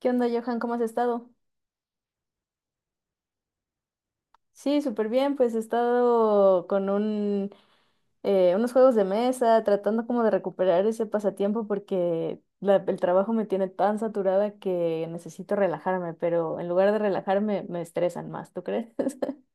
¿Qué onda, Johan? ¿Cómo has estado? Sí, súper bien, pues he estado con unos juegos de mesa, tratando como de recuperar ese pasatiempo porque el trabajo me tiene tan saturada que necesito relajarme, pero en lugar de relajarme me estresan más, ¿tú crees?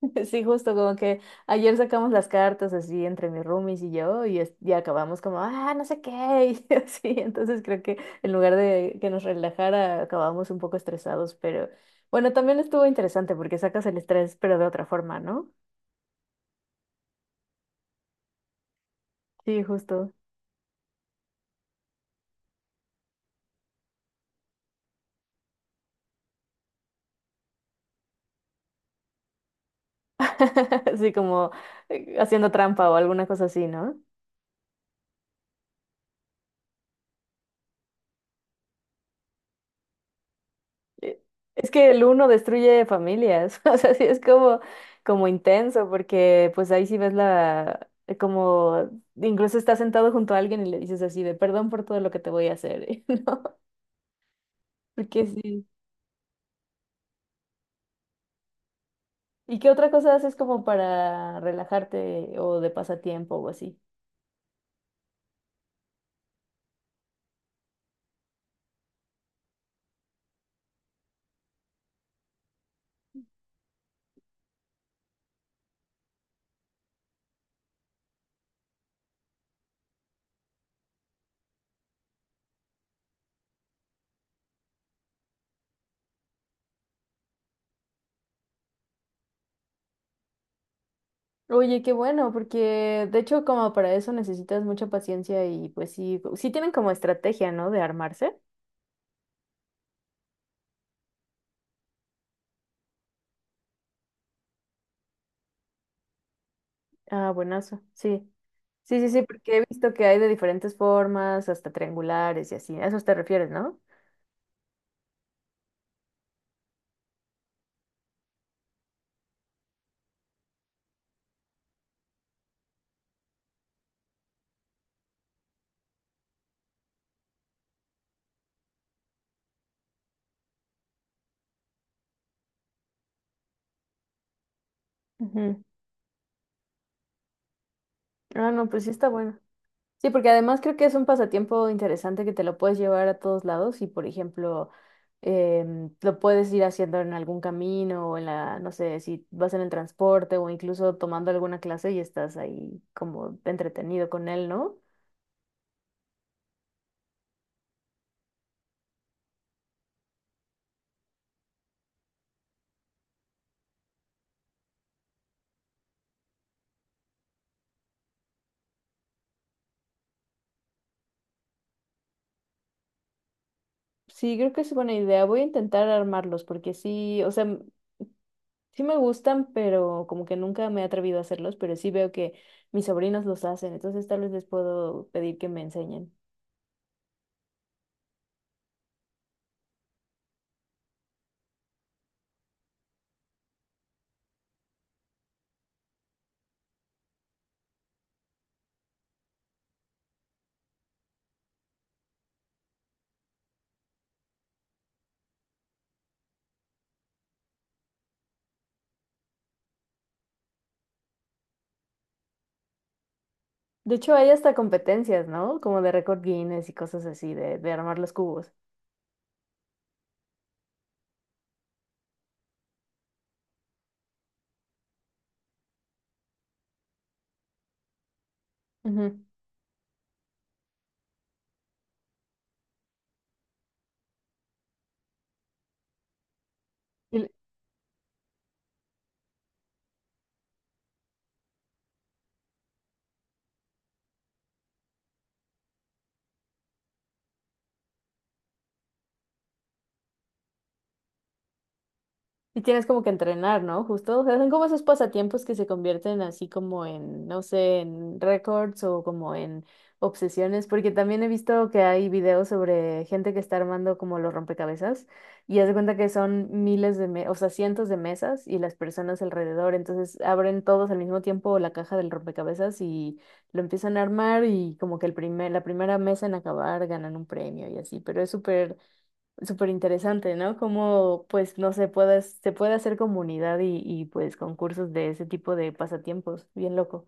Sí, justo como que ayer sacamos las cartas así entre mis roomies y yo y, y acabamos como, ah, no sé qué, y así, entonces creo que en lugar de que nos relajara, acabamos un poco estresados, pero bueno, también estuvo interesante porque sacas el estrés, pero de otra forma, ¿no? Sí, justo. Así como haciendo trampa o alguna cosa así, ¿no? Eh, Es que el uno destruye familias, o sea, sí es como, como intenso, porque pues ahí sí ves la, como, incluso estás sentado junto a alguien y le dices así de perdón por todo lo que te voy a hacer, Porque sí. ¿Y qué otra cosa haces como para relajarte o de pasatiempo o así? Oye, qué bueno, porque de hecho como para eso necesitas mucha paciencia y pues sí, sí tienen como estrategia, ¿no? De armarse. Ah, buenazo, sí. Sí, sí, sí, porque he visto que hay de diferentes formas, hasta triangulares y así. A eso te refieres, ¿no? Ujú. Ah, no, pues sí está bueno. Sí, porque además creo que es un pasatiempo interesante que te lo puedes llevar a todos lados y, por ejemplo, lo puedes ir haciendo en algún camino o en la, no sé, si vas en el transporte o incluso tomando alguna clase y estás ahí como entretenido con él, ¿no? Sí, creo que es buena idea. Voy a intentar armarlos porque sí, o sea, sí me gustan, pero como que nunca me he atrevido a hacerlos, pero sí veo que mis sobrinos los hacen, entonces tal vez les puedo pedir que me enseñen. De hecho, hay hasta competencias, ¿no? Como de récord Guinness y cosas así, de armar los cubos. Ujú. Y Y tienes como que entrenar, ¿no? Justo, o sea, son como esos pasatiempos que se convierten así como en, no sé, en récords o como en obsesiones, porque también he visto que hay videos sobre gente que está armando como los rompecabezas y haz de cuenta que son miles de, o sea, cientos de mesas y las personas alrededor, entonces abren todos al mismo tiempo la caja del rompecabezas y lo empiezan a armar y como que el primer, la primera mesa en acabar ganan un premio y así, pero es súper súper interesante, ¿no? Cómo, pues, no se puede, se puede hacer comunidad y, pues, concursos de ese tipo de pasatiempos. Bien loco.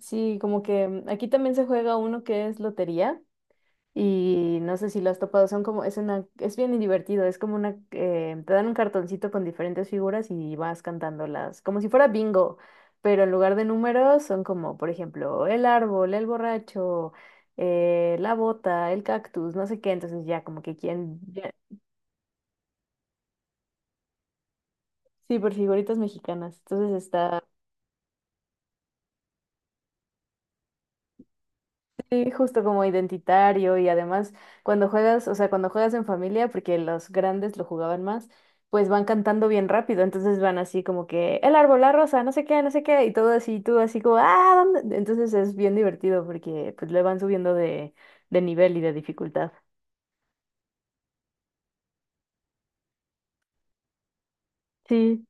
Sí, como que aquí también se juega uno que es lotería y no sé si lo has topado, son como, es una, es bien divertido, es como una, te dan un cartoncito con diferentes figuras y vas cantándolas, como si fuera bingo, pero en lugar de números son como, por ejemplo, el árbol, el borracho, la bota, el cactus, no sé qué, entonces ya como que quién, sí, por figuritas mexicanas. Entonces está sí, justo como identitario y además cuando juegas, o sea, cuando juegas en familia, porque los grandes lo jugaban más, pues van cantando bien rápido. Entonces van así como que el árbol, la rosa, no sé qué, no sé qué, y todo así, tú así como, ah, ¿dónde? Entonces es bien divertido porque pues le van subiendo de nivel y de dificultad. Sí.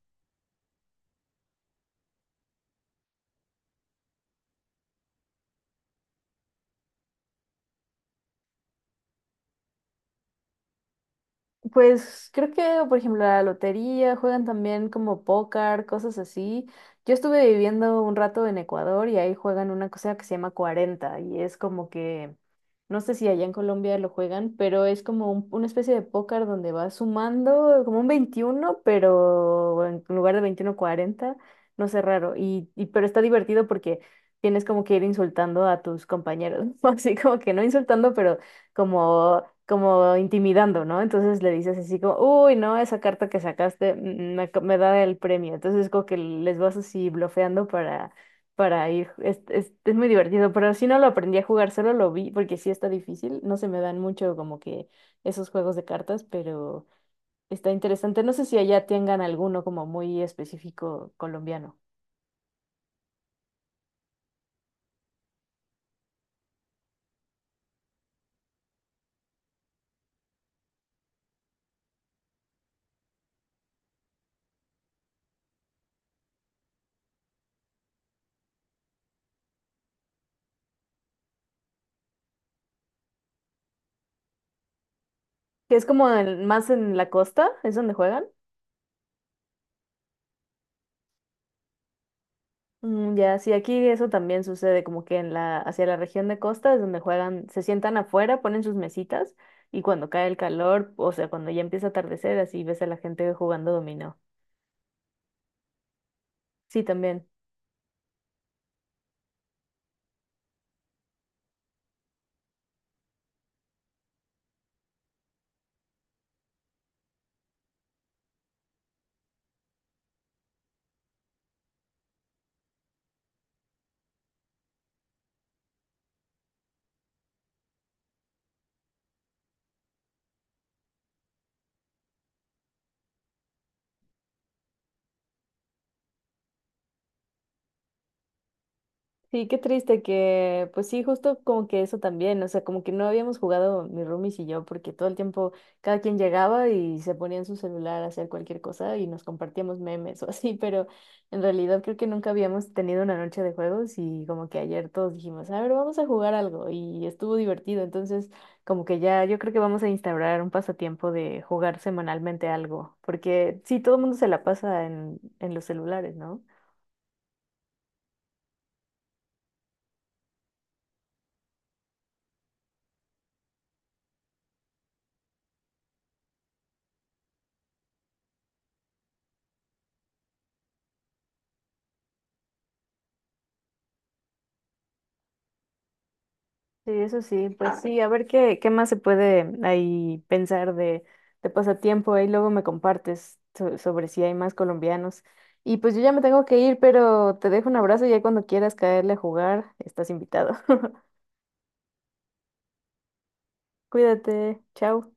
Pues creo que, por ejemplo, la lotería, juegan también como póker, cosas así. Yo estuve viviendo un rato en Ecuador y ahí juegan una cosa que se llama 40 y es como que no sé si allá en Colombia lo juegan, pero es como una especie de póker donde vas sumando como un 21 pero en lugar de 21 cuarenta, no sé, raro. Y- pero está divertido porque tienes como que ir insultando a tus compañeros, así como que no insultando, pero como, como intimidando, ¿no? Entonces le dices así como, uy, no, esa carta que sacaste me da el premio. Entonces como que les vas así blofeando para ir. Es muy divertido, pero si no lo aprendí a jugar, solo lo vi porque sí está difícil. No se me dan mucho como que esos juegos de cartas, pero está interesante. No sé si allá tengan alguno como muy específico colombiano, que es como más en la costa, es donde juegan. Mm, ya, sí, aquí eso también sucede, como que en la, hacia la región de costa es donde juegan, se sientan afuera, ponen sus mesitas y cuando cae el calor, o sea, cuando ya empieza a atardecer, así ves a la gente jugando dominó. Sí, también. Sí, qué triste que, pues sí, justo como que eso también, o sea, como que no habíamos jugado mi roomies y yo, porque todo el tiempo cada quien llegaba y se ponía en su celular a hacer cualquier cosa y nos compartíamos memes o así, pero en realidad creo que nunca habíamos tenido una noche de juegos y como que ayer todos dijimos, a ver, vamos a jugar algo y estuvo divertido, entonces como que ya yo creo que vamos a instaurar un pasatiempo de jugar semanalmente algo, porque sí, todo el mundo se la pasa en los celulares, ¿no? Sí, eso sí, pues sí, a ver qué más se puede ahí pensar de, pasatiempo, ahí luego me compartes sobre si hay más colombianos. Y pues yo ya me tengo que ir, pero te dejo un abrazo y ya cuando quieras caerle a jugar, estás invitado. Cuídate, chao.